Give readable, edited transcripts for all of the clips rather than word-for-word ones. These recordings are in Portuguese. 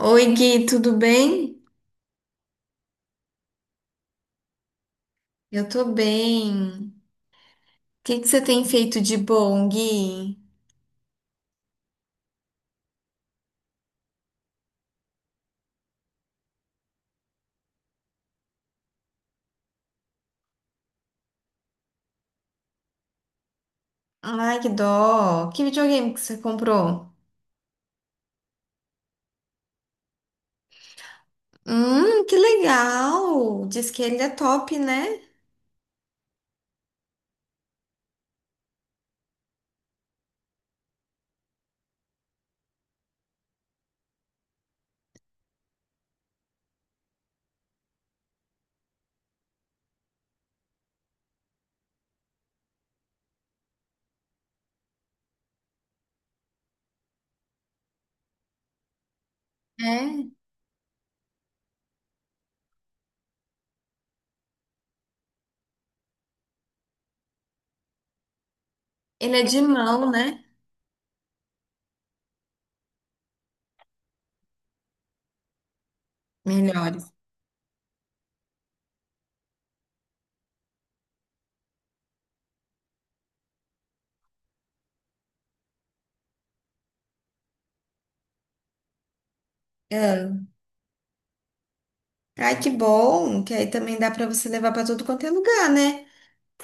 Oi, Gui, tudo bem? Eu tô bem. O que que você tem feito de bom, Gui? Ai, que dó. Que videogame que você comprou? Que legal. Diz que ele é top, né? É. Ele é de mão, né? Melhores. Ah, Ai, que bom. Que aí também dá pra você levar pra tudo quanto é lugar, né?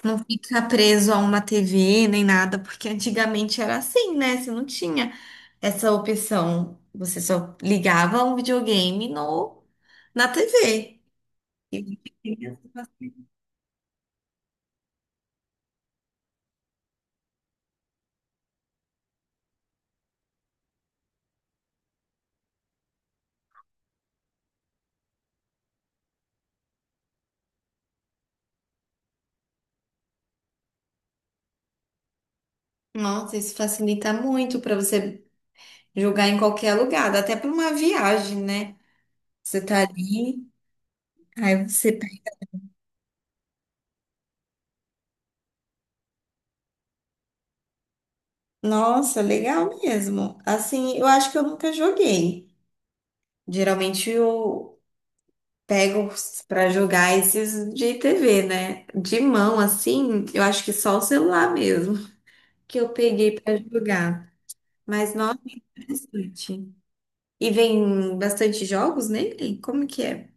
Não fica preso a uma TV nem nada, porque antigamente era assim, né? Você não tinha essa opção. Você só ligava um videogame no na TV. Nossa, isso facilita muito para você jogar em qualquer lugar, dá até para uma viagem, né? Você tá ali, aí você. Pega. Nossa, legal mesmo. Assim, eu acho que eu nunca joguei. Geralmente eu pego para jogar esses de TV, né? De mão, assim, eu acho que só o celular mesmo que eu peguei para jogar. Mas nossa, interessante. E vem bastante jogos nele? Como que é?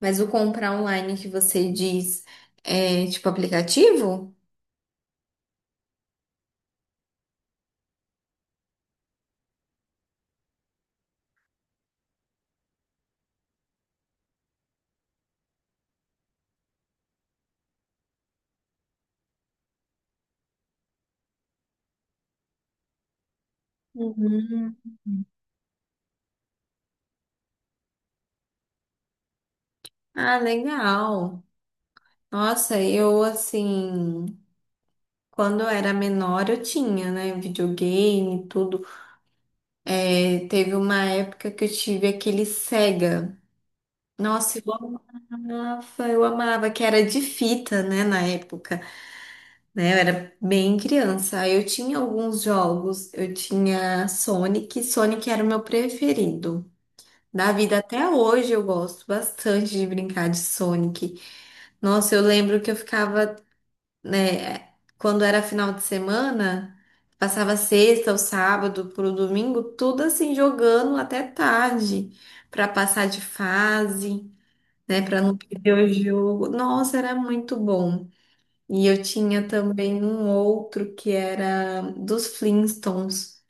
Mas o comprar online que você diz é tipo aplicativo? Uhum. Ah, legal. Nossa, eu assim, quando eu era menor eu tinha, né, videogame, e tudo. É, teve uma época que eu tive aquele Sega. Nossa, eu amava, que era de fita, né, na época, né? Eu era bem criança. Aí eu tinha alguns jogos, eu tinha Sonic, Sonic era o meu preferido. Da vida até hoje eu gosto bastante de brincar de Sonic. Nossa, eu lembro que eu ficava, né, quando era final de semana, passava sexta ou sábado pro domingo, tudo assim jogando até tarde, pra passar de fase, né, pra não perder o jogo. Nossa, era muito bom. E eu tinha também um outro que era dos Flintstones.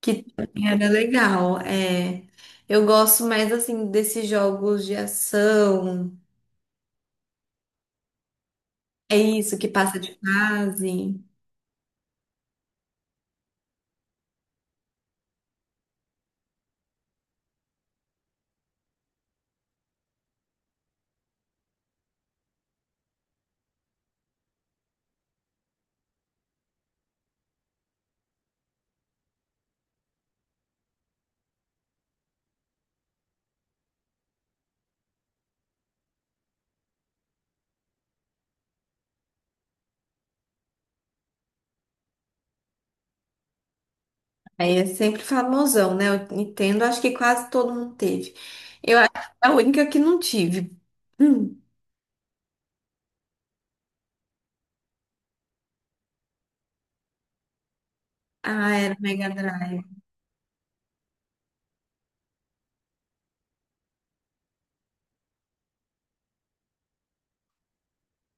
Que era legal, é. Eu gosto mais assim desses jogos de ação. É isso que passa de fase. Aí é sempre famosão, né? Eu Nintendo, acho que quase todo mundo teve. Eu acho que é a única que não tive. Hum. Ah, era o Mega Drive.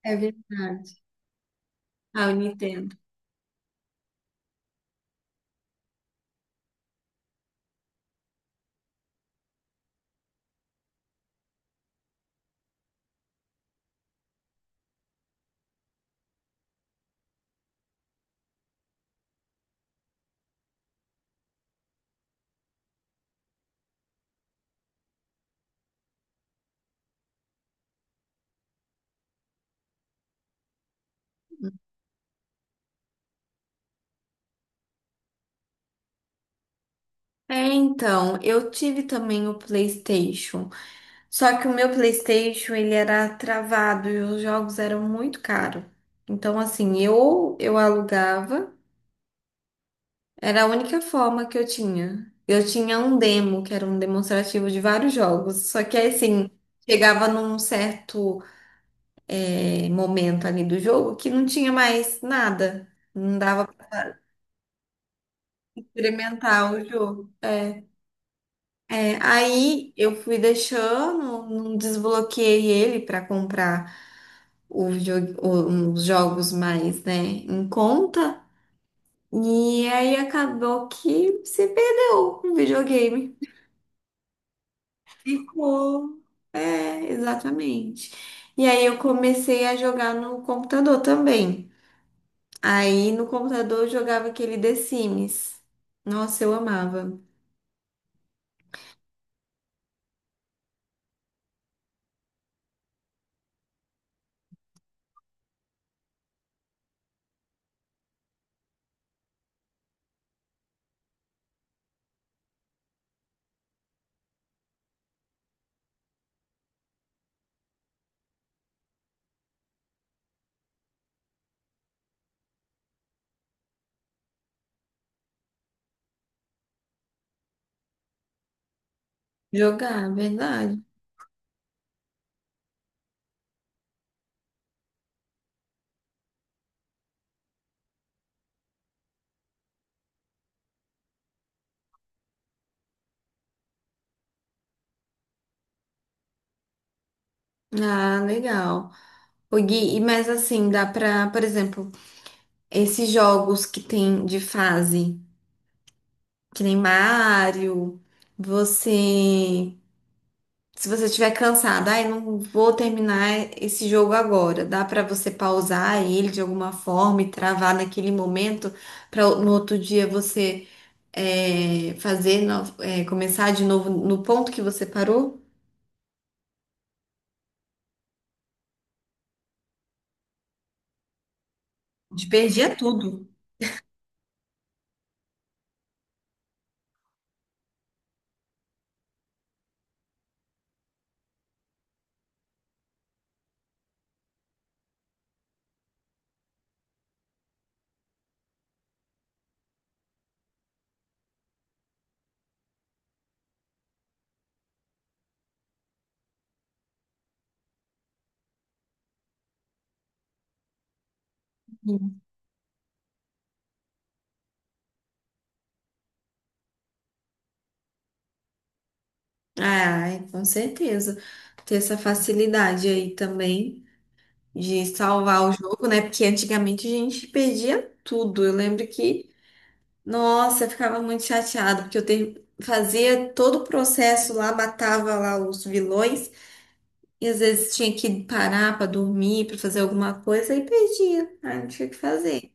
É verdade. Ah, o Nintendo. É, então, eu tive também o PlayStation. Só que o meu PlayStation, ele era travado e os jogos eram muito caros. Então, assim, eu alugava, era a única forma que eu tinha. Eu tinha um demo, que era um demonstrativo de vários jogos. Só que, assim, chegava num certo momento ali do jogo que não tinha mais nada. Não dava pra experimentar o jogo. É. É, aí eu fui deixando, não desbloqueei ele para comprar os jogos mais, né, em conta. E aí acabou que se perdeu o videogame. Ficou. É, exatamente. E aí eu comecei a jogar no computador também. Aí no computador eu jogava aquele The Sims. Nossa, eu amava jogar, verdade. Ah, legal. O Gui, mas assim, dá pra, por exemplo, esses jogos que tem de fase. Que nem Mário. Você. Se você estiver cansado, ai, não vou terminar esse jogo agora. Dá pra você pausar ele de alguma forma e travar naquele momento para no outro dia você é, fazer, no- é, começar de novo no ponto que você parou? Te perdia tudo. Ai, com certeza. Ter essa facilidade aí também de salvar o jogo, né? Porque antigamente a gente perdia tudo. Eu lembro que nossa, eu ficava muito chateada, porque fazia todo o processo lá, matava lá os vilões, e às vezes tinha que parar para dormir, para fazer alguma coisa, e perdia. Ai, não tinha o que fazer.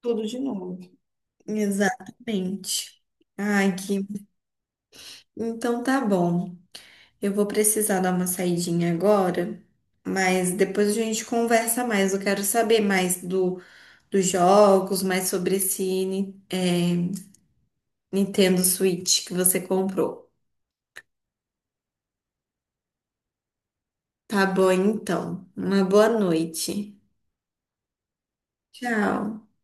Tudo de novo. Exatamente. Ai, que... Então tá bom. Eu vou precisar dar uma saidinha agora, mas depois a gente conversa mais. Eu quero saber mais do, dos jogos, mais sobre esse, Nintendo Switch que você comprou. Tá bom, então. Uma boa noite. Tchau.